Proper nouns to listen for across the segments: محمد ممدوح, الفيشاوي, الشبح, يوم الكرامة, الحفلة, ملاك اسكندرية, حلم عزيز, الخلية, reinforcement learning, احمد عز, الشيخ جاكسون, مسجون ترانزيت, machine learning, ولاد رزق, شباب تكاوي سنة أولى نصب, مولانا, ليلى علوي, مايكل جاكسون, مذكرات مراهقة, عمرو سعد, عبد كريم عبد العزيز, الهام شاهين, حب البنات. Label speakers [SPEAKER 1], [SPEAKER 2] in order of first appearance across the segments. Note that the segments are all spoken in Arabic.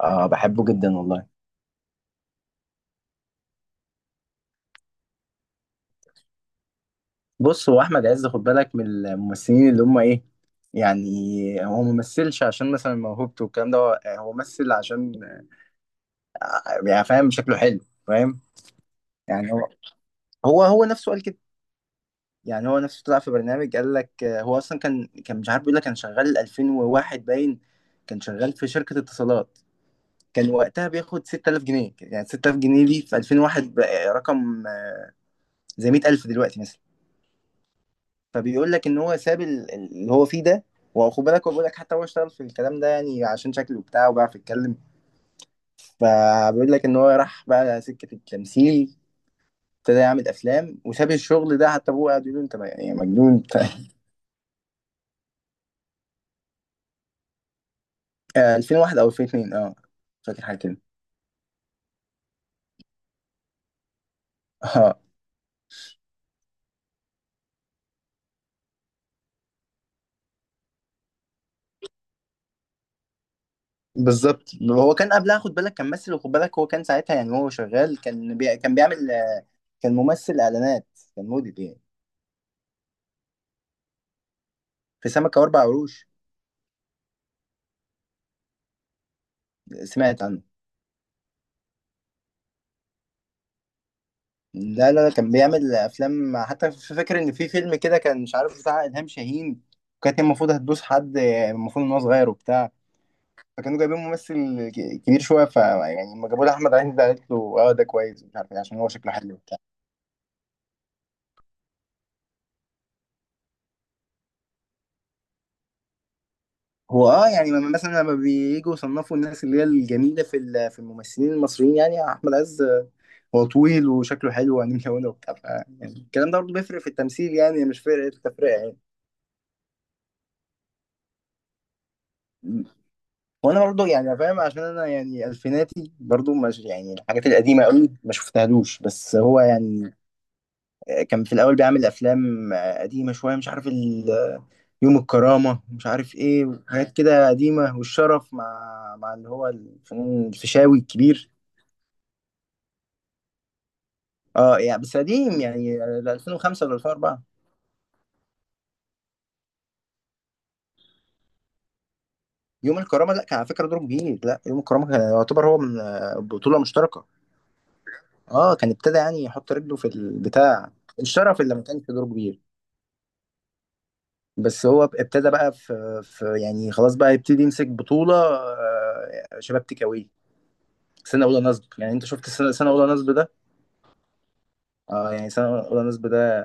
[SPEAKER 1] اه، بحبه جدا والله. بص، هو احمد عز، خد بالك من الممثلين اللي هم ايه، يعني هو ممثلش عشان مثلا موهوبته والكلام ده. هو يعني هو ممثل عشان يعني فاهم، شكله حلو، فاهم؟ يعني هو نفسه قال كده. يعني هو نفسه طلع في برنامج، قال لك هو اصلا كان مش عارف، بيقول لك كان شغال 2001 باين. كان شغال في شركة اتصالات، كان وقتها بياخد 6000 جنيه. يعني 6000 جنيه دي في 2001 بقى رقم، زي 100000 دلوقتي مثلا. فبيقول لك ان هو ساب اللي هو فيه ده. واخد بالك، هو بيقول لك حتى هو اشتغل في الكلام ده يعني عشان شكله بتاعه بيعرف يتكلم. فبيقول لك ان هو راح بقى سكة التمثيل، ابتدى يعمل افلام وساب الشغل ده. حتى ابوه قعد يقول له، انت يعني مجنون انت. 2001 او 2002. اه، فاكر حاجه كده. اه بالظبط، هو كان قبلها خد بالك كان ممثل، وخد بالك هو كان ساعتها يعني هو شغال، كان بيعمل، كان ممثل اعلانات، كان موديل يعني، في سمكه واربع قروش. سمعت عنه. لا، لا، لا، كان بيعمل افلام، حتى فاكر ان في فيلم كده، كان مش عارف، بتاع الهام شاهين. وكانت هي المفروض هتدوس حد، المفروض ان هو صغير وبتاع، فكانوا جايبين ممثل كبير شويه. ف يعني لما جابوا له احمد عز قالت له اه ده كويس، مش عارف إيه، عشان هو شكله حلو وبتاع. هو اه يعني مثلا لما بييجوا يصنفوا الناس اللي هي الجميله في في الممثلين المصريين يعني احمد عز، هو طويل وشكله حلو وعينيه ملونه وبتاع. يعني الكلام ده برضه بيفرق في التمثيل، يعني مش فرق التفرقه يعني. وانا برضو يعني فاهم، عشان انا يعني الفيناتي برضو، مش يعني الحاجات القديمه قوي ما شفتهالوش، بس هو يعني كان في الاول بيعمل افلام قديمه شويه، مش عارف يوم الكرامه، مش عارف ايه، وحاجات كده قديمه. والشرف مع اللي هو الفنان الفيشاوي الكبير. اه يعني بس قديم يعني. 2005 ولا 2004؟ يوم الكرامه لا، كان على فكره دوره جديد. لا يوم الكرامه كان يعتبر هو من، بطوله مشتركه. اه كان ابتدى يعني يحط رجله في البتاع، الشرف اللي ما كانش دوره كبير. بس هو ابتدى بقى في يعني خلاص بقى يبتدي يمسك بطولة، شباب تكاوي، سنة أولى نصب. يعني أنت شفت سنة أولى نصب ده؟ اه يعني سنة أولى نصب ده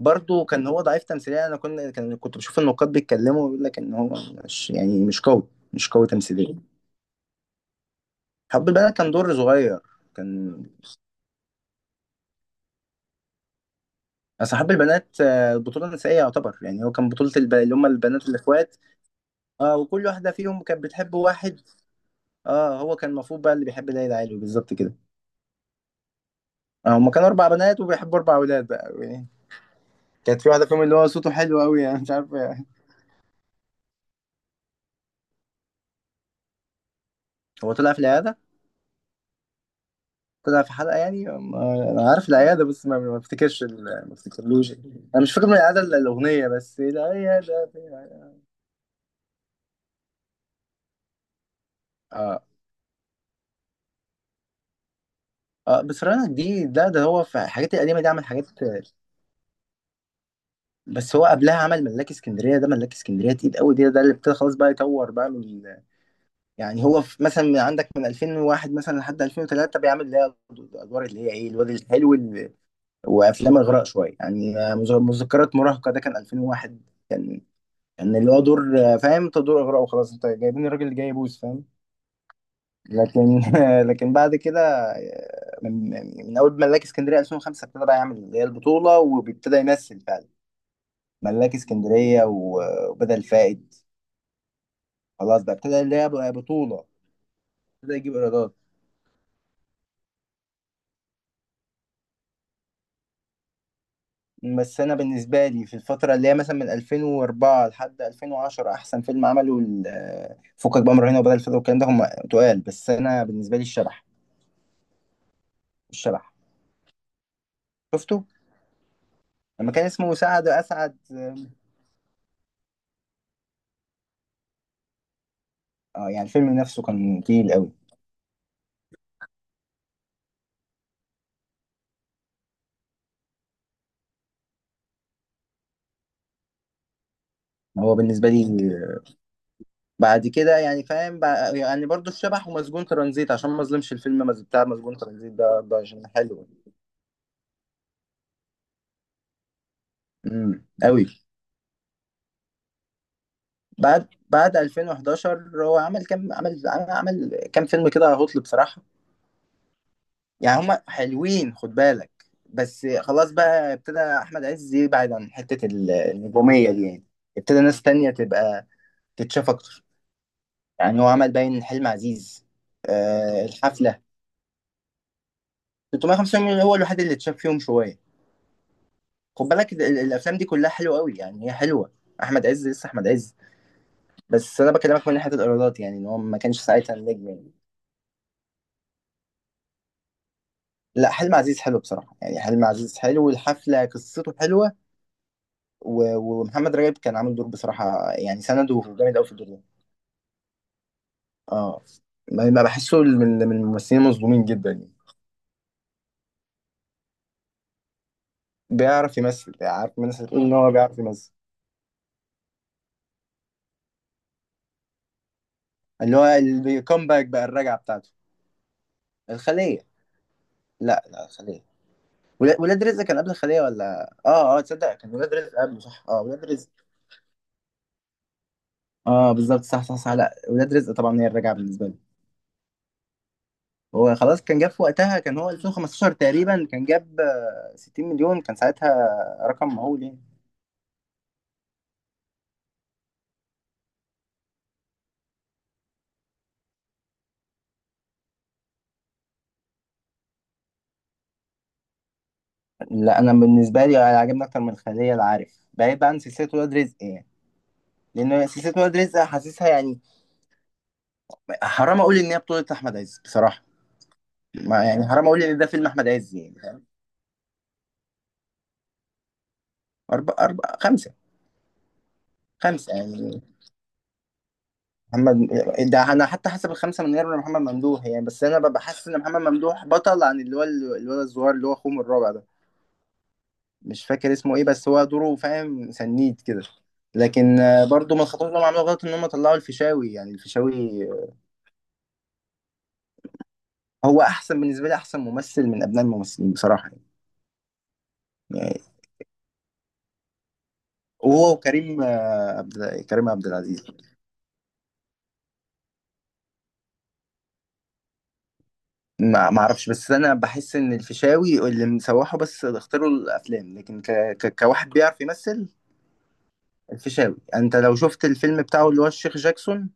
[SPEAKER 1] برضه كان هو ضعيف تمثيليا. أنا كنت كنت بشوف النقاد بيتكلموا، بيقول لك إن هو مش يعني مش قوي، مش قوي تمثيليا. حب البنات كان دور صغير، كان أصل حب البنات، بطولة نسائية يعتبر، يعني هو كان بطولة اللي هم البنات الإخوات. اه، وكل واحدة فيهم كانت بتحب واحد. اه، هو كان المفروض بقى اللي بيحب ليلى علوي بالظبط كده. هما كانوا اربع بنات وبيحبوا اربع اولاد بقى يعني. كانت في واحده فيهم اللي هو صوته حلو قوي، يعني مش عارف يعني. هو طلع في العياده، طلع في حلقه، يعني انا عارف العياده، بس ما افتكرش ما افتكرلوش. انا مش فاكر من العياده الا الاغنيه بس، العياده في العيادة. اه، اه. بس فرنك دي ده هو في الحاجات القديمه دي عمل حاجات. بس هو قبلها عمل ملاك اسكندريه. ده ملاك اسكندريه تقيل قوي ده اللي ابتدى خلاص بقى يطور بقى من. يعني هو في مثلا من عندك من 2001 مثلا لحد 2003 بيعمل اللي هي الادوار اللي هي ايه الواد الحلو، وافلام اغراء شويه يعني، مذكرات مراهقه ده كان 2001. كان كان اللي هو دور، فاهم انت، دور اغراء وخلاص، انت جايبين الراجل اللي جاي يبوس، فاهم؟ لكن لكن بعد كده، آه، من من اول ملاك اسكندريه 2005 ابتدى بقى يعمل اللي هي البطوله وبيبتدى يمثل فعلا. ملاك اسكندريه وبدل فائد، خلاص بقى ابتدى اللي هي بقى بطوله، ابتدى يجيب ايرادات. بس انا بالنسبه لي في الفتره اللي هي مثلا من 2004 لحد 2010 احسن فيلم عمله فكك بقى، من رهينه وبدل الفضل والكلام ده، هم تقال. بس انا بالنسبه لي الشبح. الشبح شفته لما كان اسمه سعد اسعد. اه يعني الفيلم نفسه كان تقيل قوي، هو بالنسبه لي. بعد كده يعني فاهم يعني برضو الشبح ومسجون ترانزيت، عشان ما اظلمش الفيلم بتاع مسجون ترانزيت ده عشان حلو. امم، قوي. بعد 2011 هو عمل كام عمل، عمل كام فيلم كده هطل بصراحه. يعني هما حلوين خد بالك، بس خلاص بقى ابتدى احمد عز يبعد عن حته النجوميه دي يعني، ابتدى ناس تانية تبقى تتشاف اكتر. يعني هو عمل باين حلم عزيز، الحفله، 350 مليون هو الوحيد اللي اتشاف فيهم شويه. خد بالك الافلام دي كلها حلوه قوي، يعني هي حلوه، احمد عز لسه احمد عز. بس انا بكلمك من ناحيه الايرادات، يعني ان هو ما كانش ساعتها النجم يعني. لا، حلم عزيز حلو بصراحه، يعني حلم عزيز حلو، والحفله قصته حلوه. ومحمد رجب كان عامل دور بصراحة، يعني سنده جامد قوي في الدور ده. اه، ما بحسه من الممثلين المظلومين جدا يعني، بيعرف يمثل، عارف، من الناس اللي بتقول ان هو بيعرف يمثل. اللي هو الكومباك بقى، الرجعة بتاعته، الخلية. لا، لا، الخلية. ولاد رزق كان قبل الخلية ولا؟ اه، اه، تصدق كان ولاد رزق قبله. صح، اه ولاد رزق. اه بالظبط، صح، صح، صح، لا ولاد رزق طبعا هي الرجعة بالنسبة لي. هو خلاص كان جاب في وقتها، كان هو 2015 تقريبا، كان جاب، 60 مليون، كان ساعتها رقم مهول يعني. لا، انا بالنسبه لي عاجبني اكتر من الخليه، العارف، بعيد بقى عن سلسله ولاد رزق يعني، لان سلسله ولاد رزق حاسسها يعني حرام اقول ان هي بطوله احمد عز بصراحه. ما يعني حرام اقول ان ده فيلم احمد عز يعني، فاهم؟ اربع، اربع، خمسه، خمسه يعني. محمد، ده انا حتى حسب الخمسه من غير محمد ممدوح يعني، بس انا ببقى حاسس ان محمد ممدوح بطل، عن اللي هو الولد الصغير اللي هو اخوه من الرابع ده. مش فاكر اسمه ايه، بس هو دوره فاهم سنيد كده. لكن، برضو من الخطوات اللي هم عملوا غلط ان هم طلعوا الفيشاوي، يعني الفيشاوي هو احسن بالنسبه لي، احسن ممثل من ابناء الممثلين بصراحه يعني، يعني. وهو وكريم آه، عبد كريم عبد العزيز. ما اعرفش، بس انا بحس ان الفيشاوي اللي مسوحه، بس اختاروا الافلام، لكن كواحد بيعرف يمثل، الفيشاوي. يعني انت لو شفت الفيلم بتاعه اللي هو الشيخ جاكسون.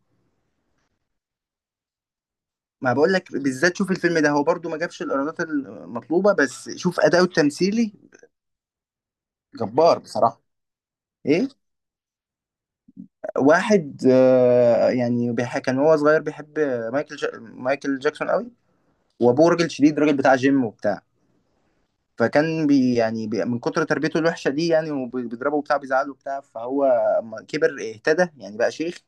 [SPEAKER 1] ما بقول لك بالذات، شوف الفيلم ده، هو برضو ما جابش الايرادات المطلوبه، بس شوف اداؤه التمثيلي، جبار بصراحه. ايه؟ واحد، يعني كان وهو صغير بيحب مايكل جاكسون قوي. وابوه راجل شديد، راجل بتاع جيم وبتاع. فكان بي يعني بي من كتر تربيته الوحشه دي يعني، وبيضربه وبتاع، بيزعله وبتاع. فهو اما كبر اهتدى يعني، بقى شيخ،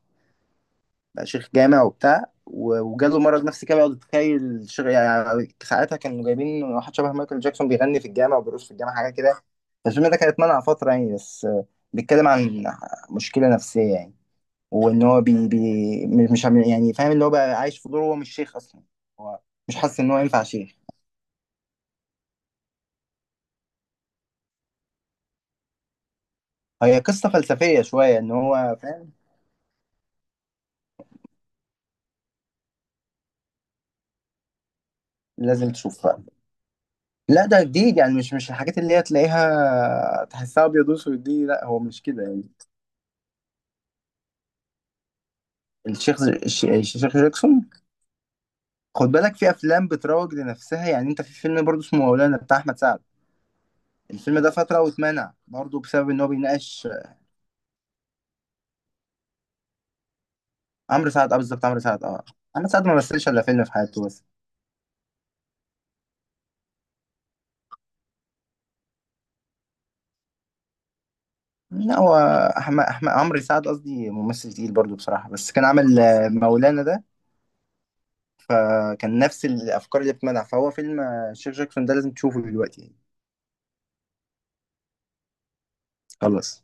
[SPEAKER 1] بقى شيخ جامع وبتاع. وجاله مرض نفسي كده، بيقعد يتخيل يعني ساعتها كانوا جايبين واحد شبه مايكل جاكسون، بيغني في الجامع وبيرقص في الجامع حاجه كده. فالفيلم ده كان اتمنع فتره يعني، بس، بيتكلم عن مشكله نفسيه يعني، وان هو بي... بي... مش عم- يعني فاهم، اللي هو بقى عايش في دور هو مش شيخ اصلا. هو مش حاسس ان هو ينفع شيخ، هي قصة فلسفية شوية، إن هو فاهم. لازم تشوفها. لا، ده جديد، يعني مش الحاجات اللي هي تلاقيها تحسها أبيض وأسود دي، لا هو مش كده يعني. الشيخ الشيخ جاكسون. خد بالك في أفلام بتروج لنفسها، يعني أنت في فيلم برضه اسمه مولانا بتاع أحمد سعد. الفيلم ده فترة واتمنع برضه بسبب إن هو بيناقش. عمرو سعد أه، بالظبط، عمرو سعد أه. أحمد سعد ما مثلش إلا فيلم في حياته بس. لا هو، أحمد عمرو سعد قصدي، ممثل تقيل برضه بصراحة، بس كان عامل، مولانا ده، فكان نفس الافكار اللي بتمنع. فهو فيلم، الشيخ جاكسون ده لازم تشوفه دلوقتي يعني. خلص.